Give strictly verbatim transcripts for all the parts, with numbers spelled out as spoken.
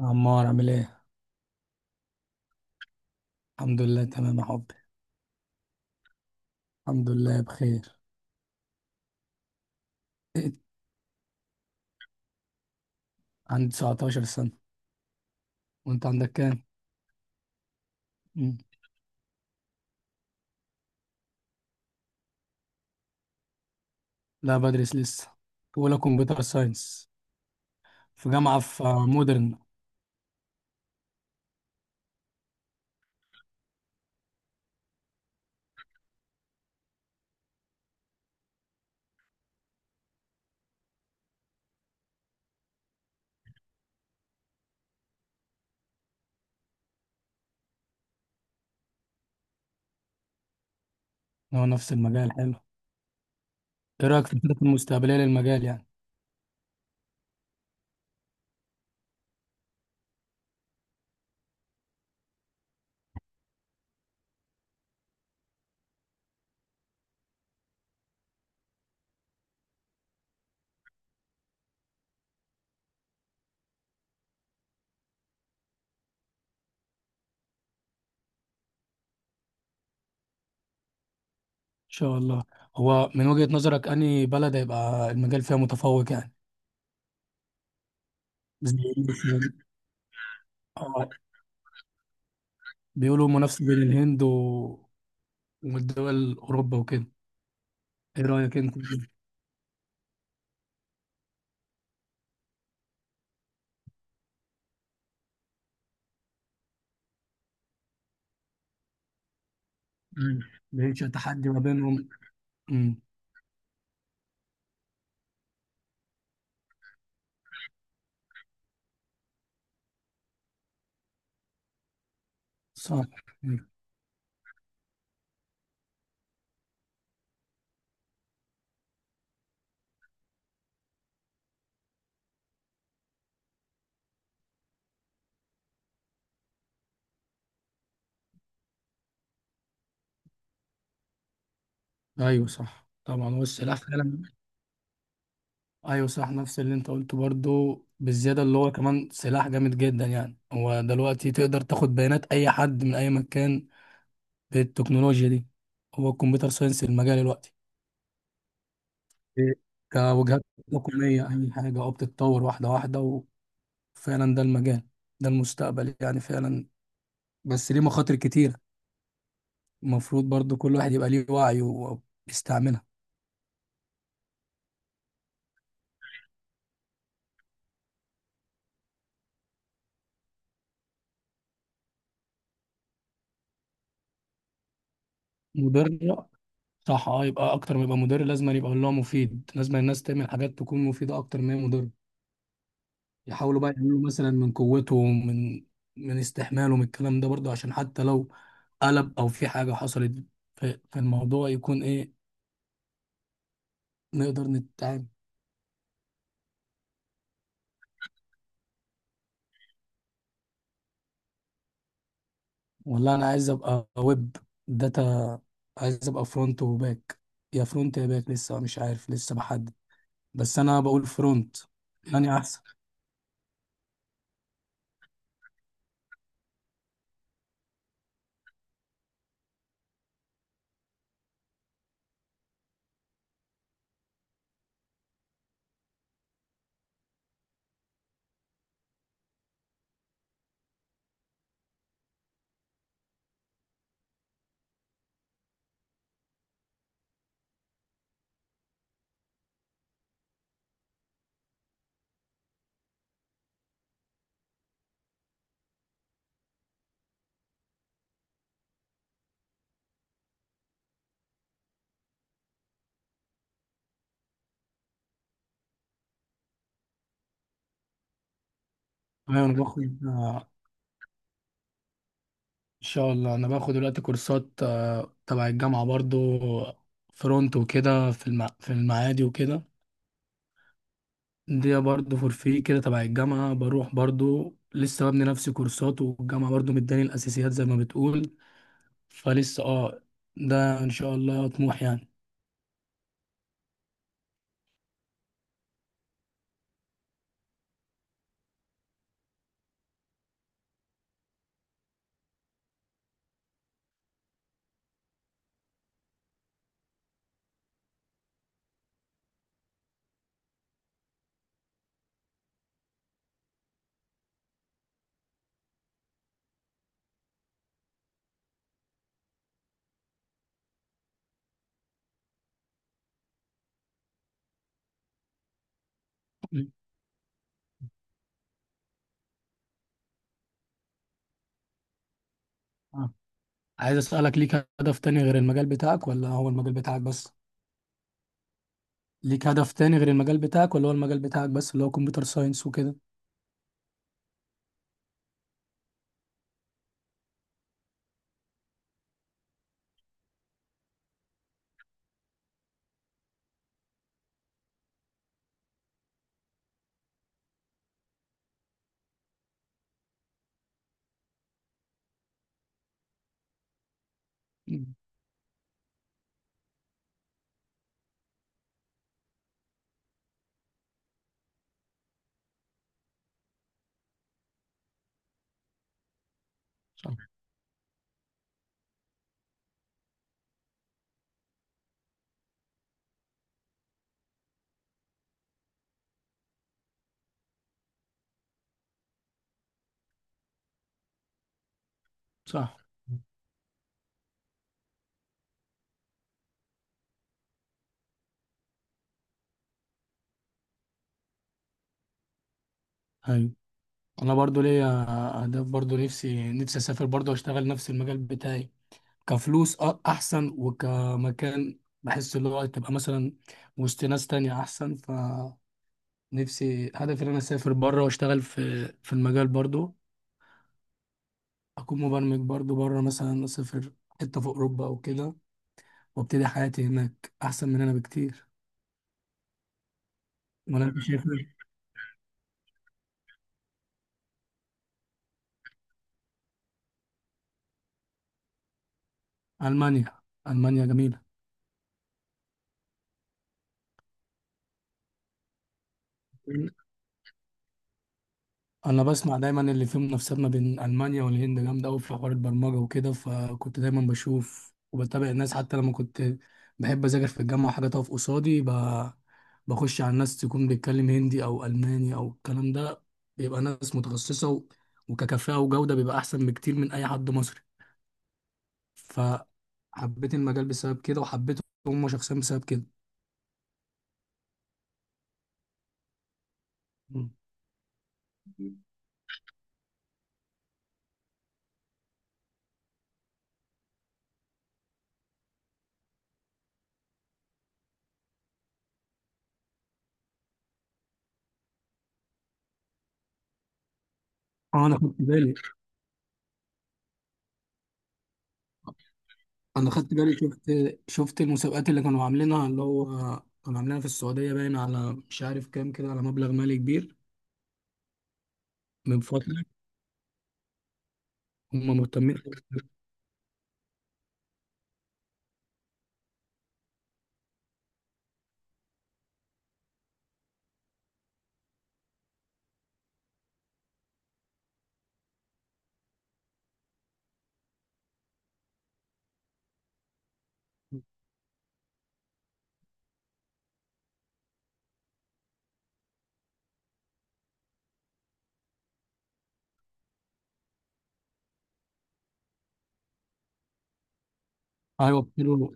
عمار عامل ايه؟ الحمد لله تمام يا حبي. الحمد لله بخير. إيه؟ عندي تسعة عشر سنة. وانت عندك كام؟ مم. لا بدرس لسه. أولى كمبيوتر ساينس في جامعة في آه، مودرن. هو نفس المجال حلو. ايه رأيك في الخطط المستقبلية للمجال يعني؟ ان شاء الله. هو من وجهة نظرك أنهي بلد هيبقى المجال فيها متفوق يعني؟ زي مثلا. آه، بيقولوا منافسة بين الهند و... والدول أوروبا وكده. ايه رأيك انت؟ مم. بيعيش تحدي ما بينهم. صح. مم. ايوه، صح، طبعا هو السلاح فعلا. ايوه، صح، نفس اللي انت قلته برضو بالزياده، اللي هو كمان سلاح جامد جدا يعني، هو دلوقتي تقدر تاخد بيانات اي حد من اي مكان بالتكنولوجيا دي. هو الكمبيوتر ساينس المجال دلوقتي. إيه. كوجهات تقنيه، اي حاجه اه بتتطور واحده واحده. وفعلا ده المجال، ده المستقبل يعني فعلا. بس ليه مخاطر كتيره، المفروض برضو كل واحد يبقى ليه وعي وبيستعملها. مضره. صح، اه، يبقى اكتر ما يبقى مدير، لازم أن يبقى اللي هو مفيد. لازم الناس تعمل حاجات تكون مفيدة اكتر ما هي مضرة. يحاولوا بقى يعملوا مثلا من قوتهم، من من استحمالهم الكلام ده برضه، عشان حتى لو قلب او في حاجة حصلت في في الموضوع، يكون ايه، نقدر نتعامل. والله انا عايز ابقى ويب داتا. عايز ابقى فرونت وباك. يا فرونت يا باك، لسه مش عارف، لسه بحدد. بس انا بقول فرونت، يعني احسن. ايوه، انا باخد آه، ان شاء الله. انا باخد دلوقتي كورسات آه، تبع الجامعه برضو، فرونت وكده، في الم... في المعادي وكده. دي برضو فور فري كده، تبع الجامعه، بروح برضو لسه ببني نفسي كورسات، والجامعه برضو مداني الاساسيات زي ما بتقول. فلسه اه ده ان شاء الله طموح يعني. آه. عايز اسالك، ليك هدف تاني غير المجال بتاعك ولا هو المجال بتاعك بس؟ ليك هدف تاني غير المجال بتاعك ولا هو المجال بتاعك بس، اللي هو كمبيوتر ساينس وكده؟ مم. صح. صح. ايوه. انا برضو ليا اهداف برضو، نفسي، نفسي اسافر برضو اشتغل نفس المجال بتاعي، كفلوس أ- احسن، وكمكان بحس اللي هو تبقى مثلا وسط ناس تانية احسن. فنفسي، هدفي ان انا اسافر بره واشتغل في في المجال برضو. اكون مبرمج برضو بره، مثلا اسافر حتة في اوروبا او كده، وابتدي حياتي هناك احسن من هنا بكتير. ولا انت شايف إيه؟ المانيا. المانيا جميلة. انا بسمع دايما اللي فيه منافسات ما بين المانيا والهند جامده قوي في حوار البرمجه وكده، فكنت دايما بشوف وبتابع الناس، حتى لما كنت بحب اذاكر في الجامعه حاجه تقف قصادي، ب- بخش على الناس تكون بيتكلم هندي او الماني او الكلام ده، بيبقى ناس متخصصه و- وككفاءه وجوده بيبقى احسن بكتير من اي حد مصري. فحبيت المجال بسبب كده، وحبيت هم شخصيا بسبب كده. اه، انا خدت بالي. انا خدت بالي شفت شفت المسابقات اللي كانوا عاملينها، اللي هو كانوا عاملينها في السعوديه، باين على مش عارف كام كده، على مبلغ مالي كبير، من فتره. هم مهتمين. ايوه، وفروا-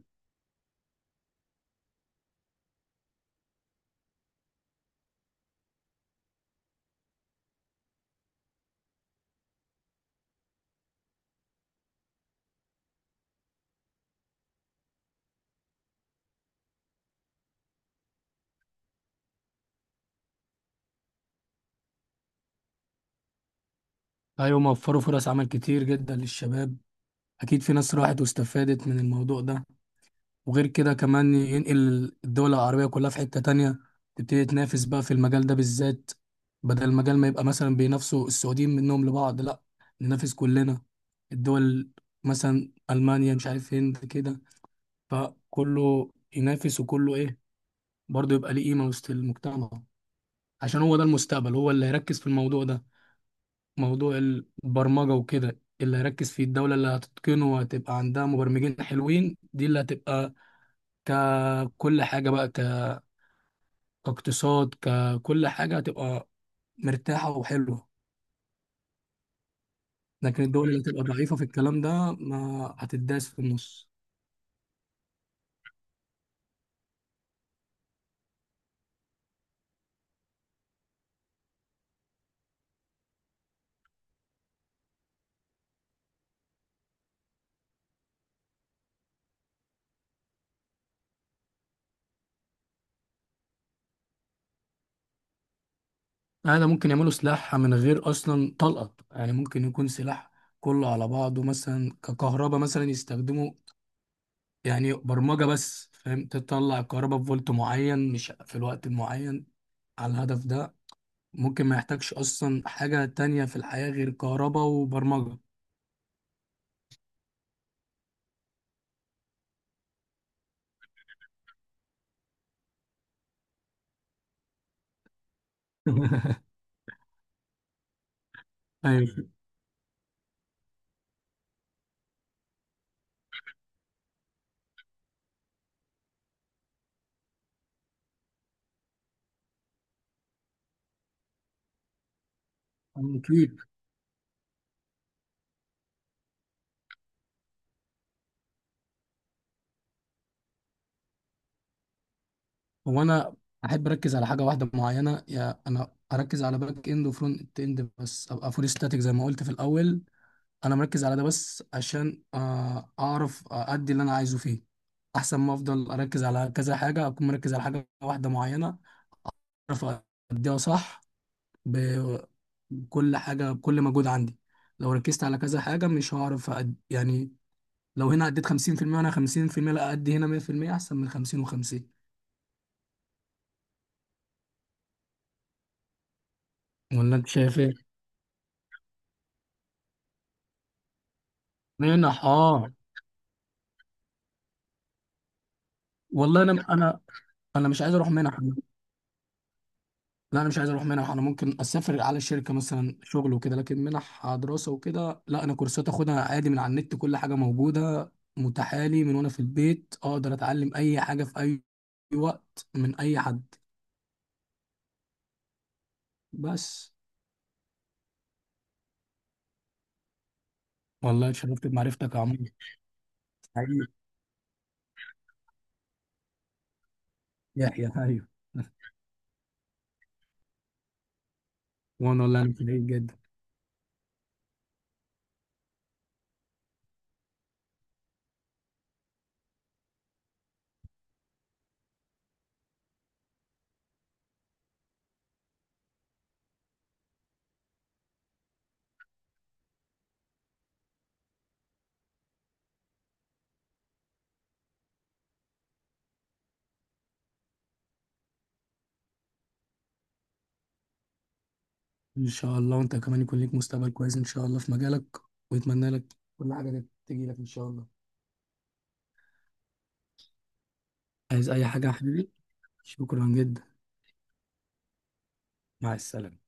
ايوه، موفروا فرص عمل كتير جدا للشباب. اكيد في ناس راحت واستفادت من الموضوع ده. وغير كده كمان ينقل الدول العربيه كلها في حته تانية، تبتدي تنافس بقى في المجال ده بالذات. بدل المجال ما يبقى مثلا بينافسوا السعوديين منهم لبعض، لا، ننافس كلنا الدول، مثلا المانيا، مش عارف، هند كده. فكله ينافس، وكله ايه، برضه يبقى ليه قيمة وسط المجتمع. عشان هو ده المستقبل، هو اللي هيركز في الموضوع ده. موضوع البرمجة وكده، اللي هيركز فيه الدولة اللي هتتقنه وهتبقى عندها مبرمجين حلوين، دي اللي هتبقى ككل حاجة بقى، ك- كاقتصاد، ككل حاجة هتبقى مرتاحة وحلوة. لكن الدول اللي هتبقى ضعيفة في الكلام ده ما هتداس في النص. هذا ممكن يعملوا سلاح من غير اصلا طلقه، يعني ممكن يكون سلاح كله على بعضه، مثلا ككهرباء مثلا يستخدموا، يعني برمجه بس، فاهم، تطلع الكهرباء بفولت معين مش في الوقت المعين على الهدف ده. ممكن ما يحتاجش اصلا حاجه تانية في الحياه غير كهرباء وبرمجه. ايوه. اكيد. هو انا احب اركز على حاجه واحده معينه، يا انا اركز على باك اند وفرونت اند بس، ابقى فول ستاتيك زي ما قلت في الاول. انا مركز على ده بس، عشان آه، اعرف آه، ادي اللي انا عايزه فيه. احسن ما افضل اركز على كذا حاجه، اكون مركز على حاجه واحده معينه، اعرف اديها صح، ب- بكل حاجه، بكل مجهود عندي. لو ركزت على كذا حاجه مش هعرف أد... يعني، لو هنا اديت خمسين في المية وانا خمسين في المية، لا، ادي هنا مئة في المئة احسن من خمسين و50. ولا انت شايف ايه؟ منح، اه. والله، انا انا انا مش عايز اروح منح. لا، انا مش عايز اروح منح. انا ممكن اسافر على الشركه مثلا شغل وكده، لكن منح دراسه وكده لا. انا كورسات اخدها عادي من على النت، كل حاجه موجوده متاحه لي، من وانا في البيت اقدر اتعلم اي حاجه في اي وقت من اي حد. بس. والله اتشرفت بمعرفتك يا عمرو حبيبي. يحيى، ايوه. وانا والله انا سعيد جدا. ان شاء الله وانت كمان يكون ليك مستقبل كويس ان شاء الله في مجالك. ويتمنى لك كل حاجه تجي لك ان شاء الله. عايز اي حاجه يا حبيبي. شكرا جدا. مع السلامه.